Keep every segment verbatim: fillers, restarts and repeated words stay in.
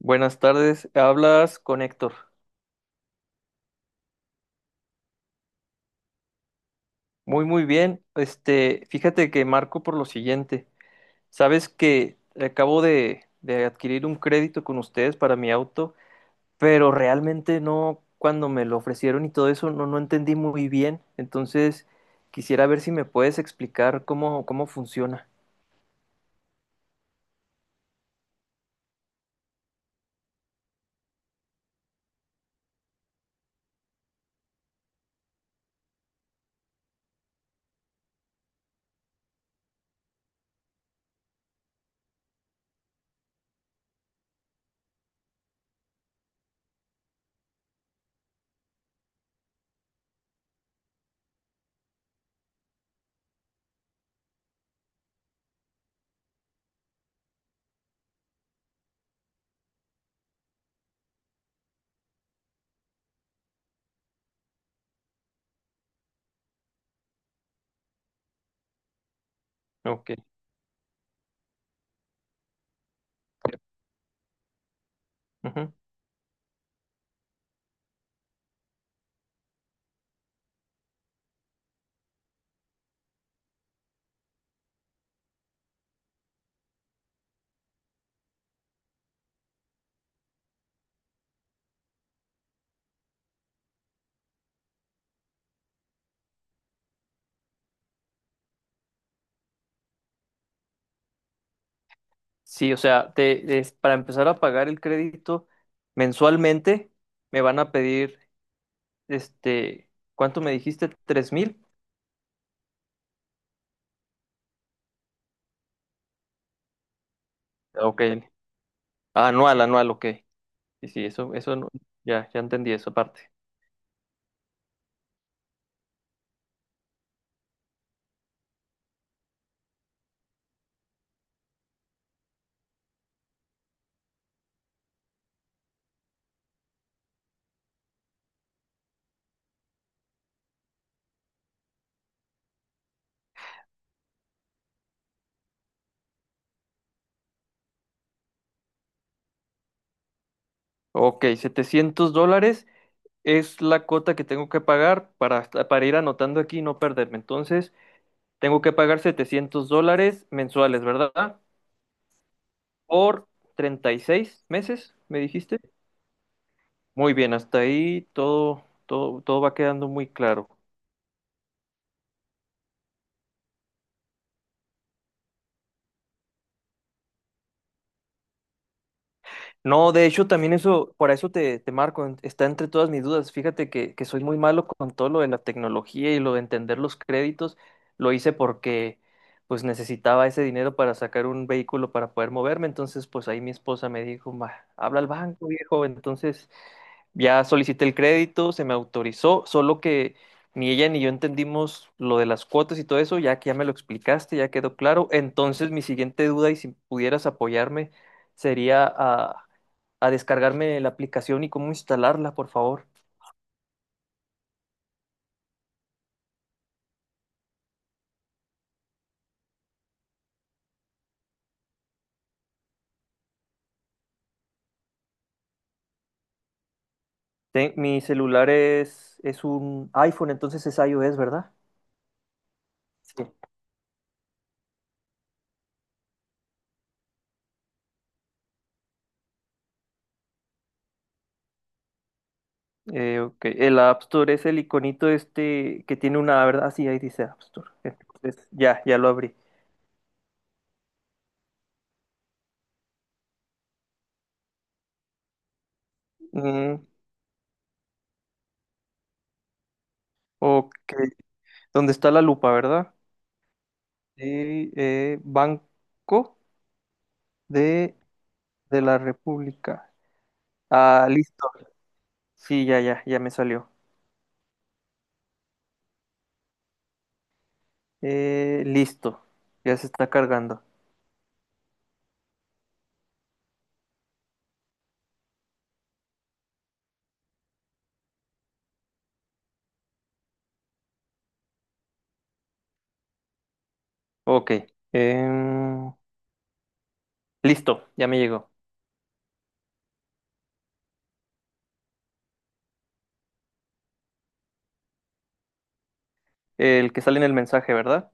Buenas tardes, hablas con Héctor. Muy, muy bien. Este, fíjate que marco por lo siguiente. Sabes que acabo de, de adquirir un crédito con ustedes para mi auto, pero realmente no, cuando me lo ofrecieron y todo eso, no, no entendí muy bien. Entonces, quisiera ver si me puedes explicar cómo, cómo funciona. Ok. Ujú. Sí, o sea, te, es- para empezar a pagar el crédito mensualmente, me van a pedir. Este, ¿Cuánto me dijiste? ¿Tres mil? Ok. Anual, anual, ok. Sí, sí, eso, eso no- ya, ya entendí esa parte. Ok, setecientos dólares es la cuota que tengo que pagar para, para ir anotando aquí y no perderme. Entonces, tengo que pagar setecientos dólares mensuales, ¿verdad? Por treinta y seis meses, me dijiste. Muy bien, hasta ahí todo, todo, todo va quedando muy claro. No, de hecho, también eso, por eso te, te marco, en- está entre todas mis dudas. Fíjate que, que soy muy malo con todo lo de la tecnología y lo de entender los créditos. Lo hice porque pues necesitaba ese dinero para sacar un vehículo para poder moverme. Entonces, pues ahí mi esposa me dijo, "Ma, habla al banco, viejo". Entonces, ya solicité el crédito, se me autorizó, solo que ni ella ni yo entendimos lo de las cuotas y todo eso, ya que ya me lo explicaste, ya quedó claro. Entonces, mi siguiente duda, y si pudieras apoyarme, sería a, a descargarme la aplicación y cómo instalarla, por favor. Te- mi celular es, es un iPhone, entonces es iOS, ¿verdad? Sí. Eh, ok, el App Store es el iconito este que tiene una, ¿verdad? Ah, sí, ahí dice App Store. Entonces, ya, ya lo abrí. Mm, ok. ¿Dónde está la lupa, ¿verdad? De eh, Banco de, de la República. Ah, listo. Sí, ya, ya, ya me salió. Eh, listo. Ya se está cargando. Ok. Em, listo, ya me llegó. El que sale en el mensaje, ¿verdad?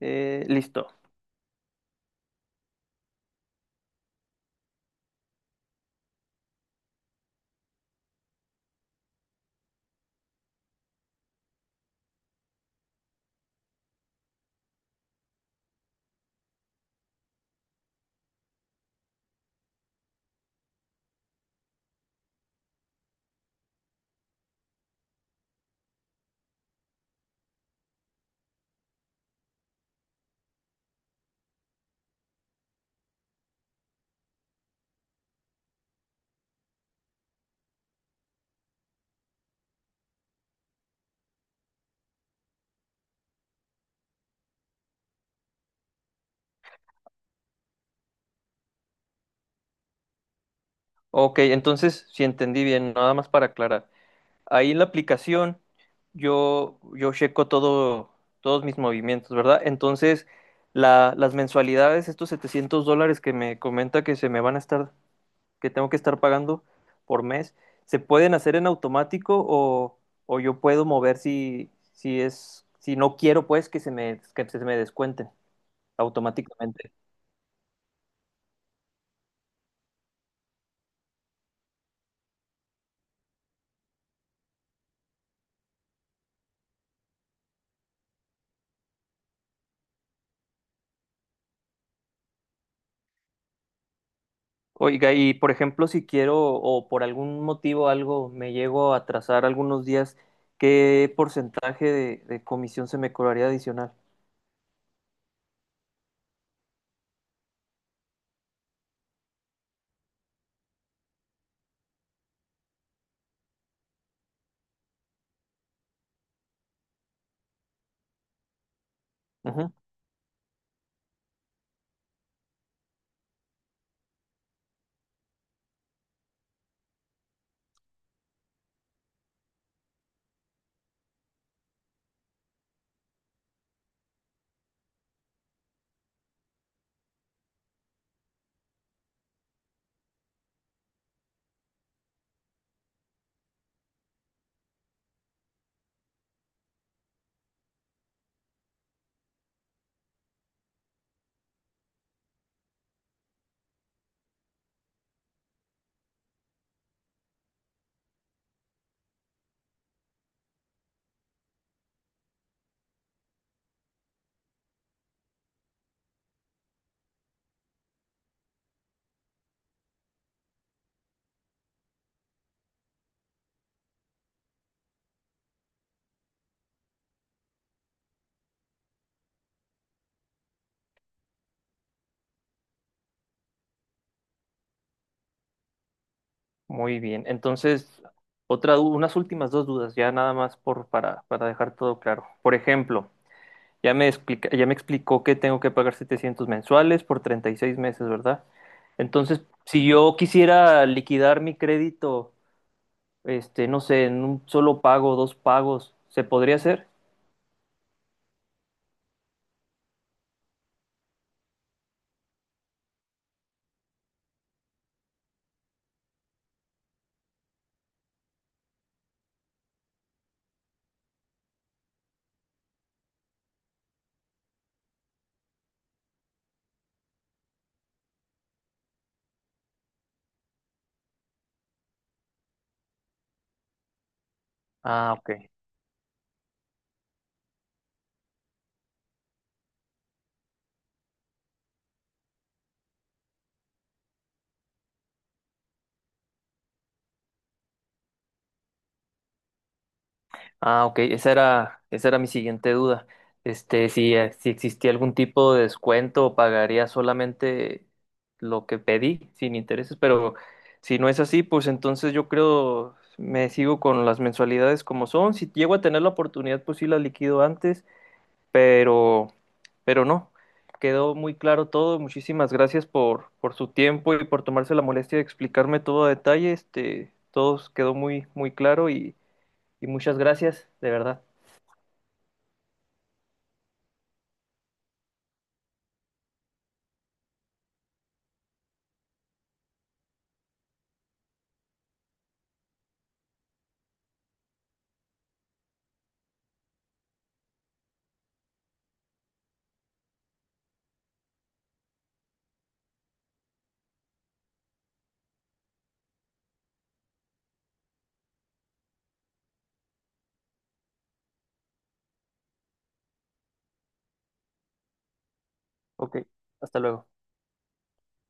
Eh, listo. Ok, entonces, si entendí bien, nada más para aclarar. Ahí en la aplicación yo, yo checo todo, todos mis movimientos, ¿verdad? Entonces, la- las mensualidades, estos setecientos dólares que me comenta que se me van a estar, que tengo que estar pagando por mes, ¿se pueden hacer en automático o, o yo puedo mover si, si es, si no quiero, pues, que se me, que se me descuenten automáticamente? Oiga, y por ejemplo, si quiero o por algún motivo algo me llego a atrasar algunos días, ¿qué porcentaje de, de comisión se me cobraría adicional? Ujú. Muy bien. Entonces, otra, du- unas últimas dos dudas, ya nada más por, para, para dejar todo claro. Por ejemplo, ya me explica, ya me explicó que tengo que pagar setecientos mensuales por treinta y seis meses, ¿verdad? Entonces, si yo quisiera liquidar mi crédito, este, no sé, en un solo pago, dos pagos, ¿se podría hacer? Ah, ok. Ah, ok. Esa era, esa era mi siguiente duda. Este, si, eh, si existía algún tipo de descuento o pagaría solamente lo que pedí sin intereses, pero si no es así, pues entonces yo creo me sigo con las mensualidades como son. Si llego a tener la oportunidad, pues sí la liquido antes, pero, pero, no. Quedó muy claro todo. Muchísimas gracias por, por su tiempo y por tomarse la molestia de explicarme todo a detalle. Este, todo quedó muy, muy claro y Y muchas gracias, de verdad. Ok, hasta luego.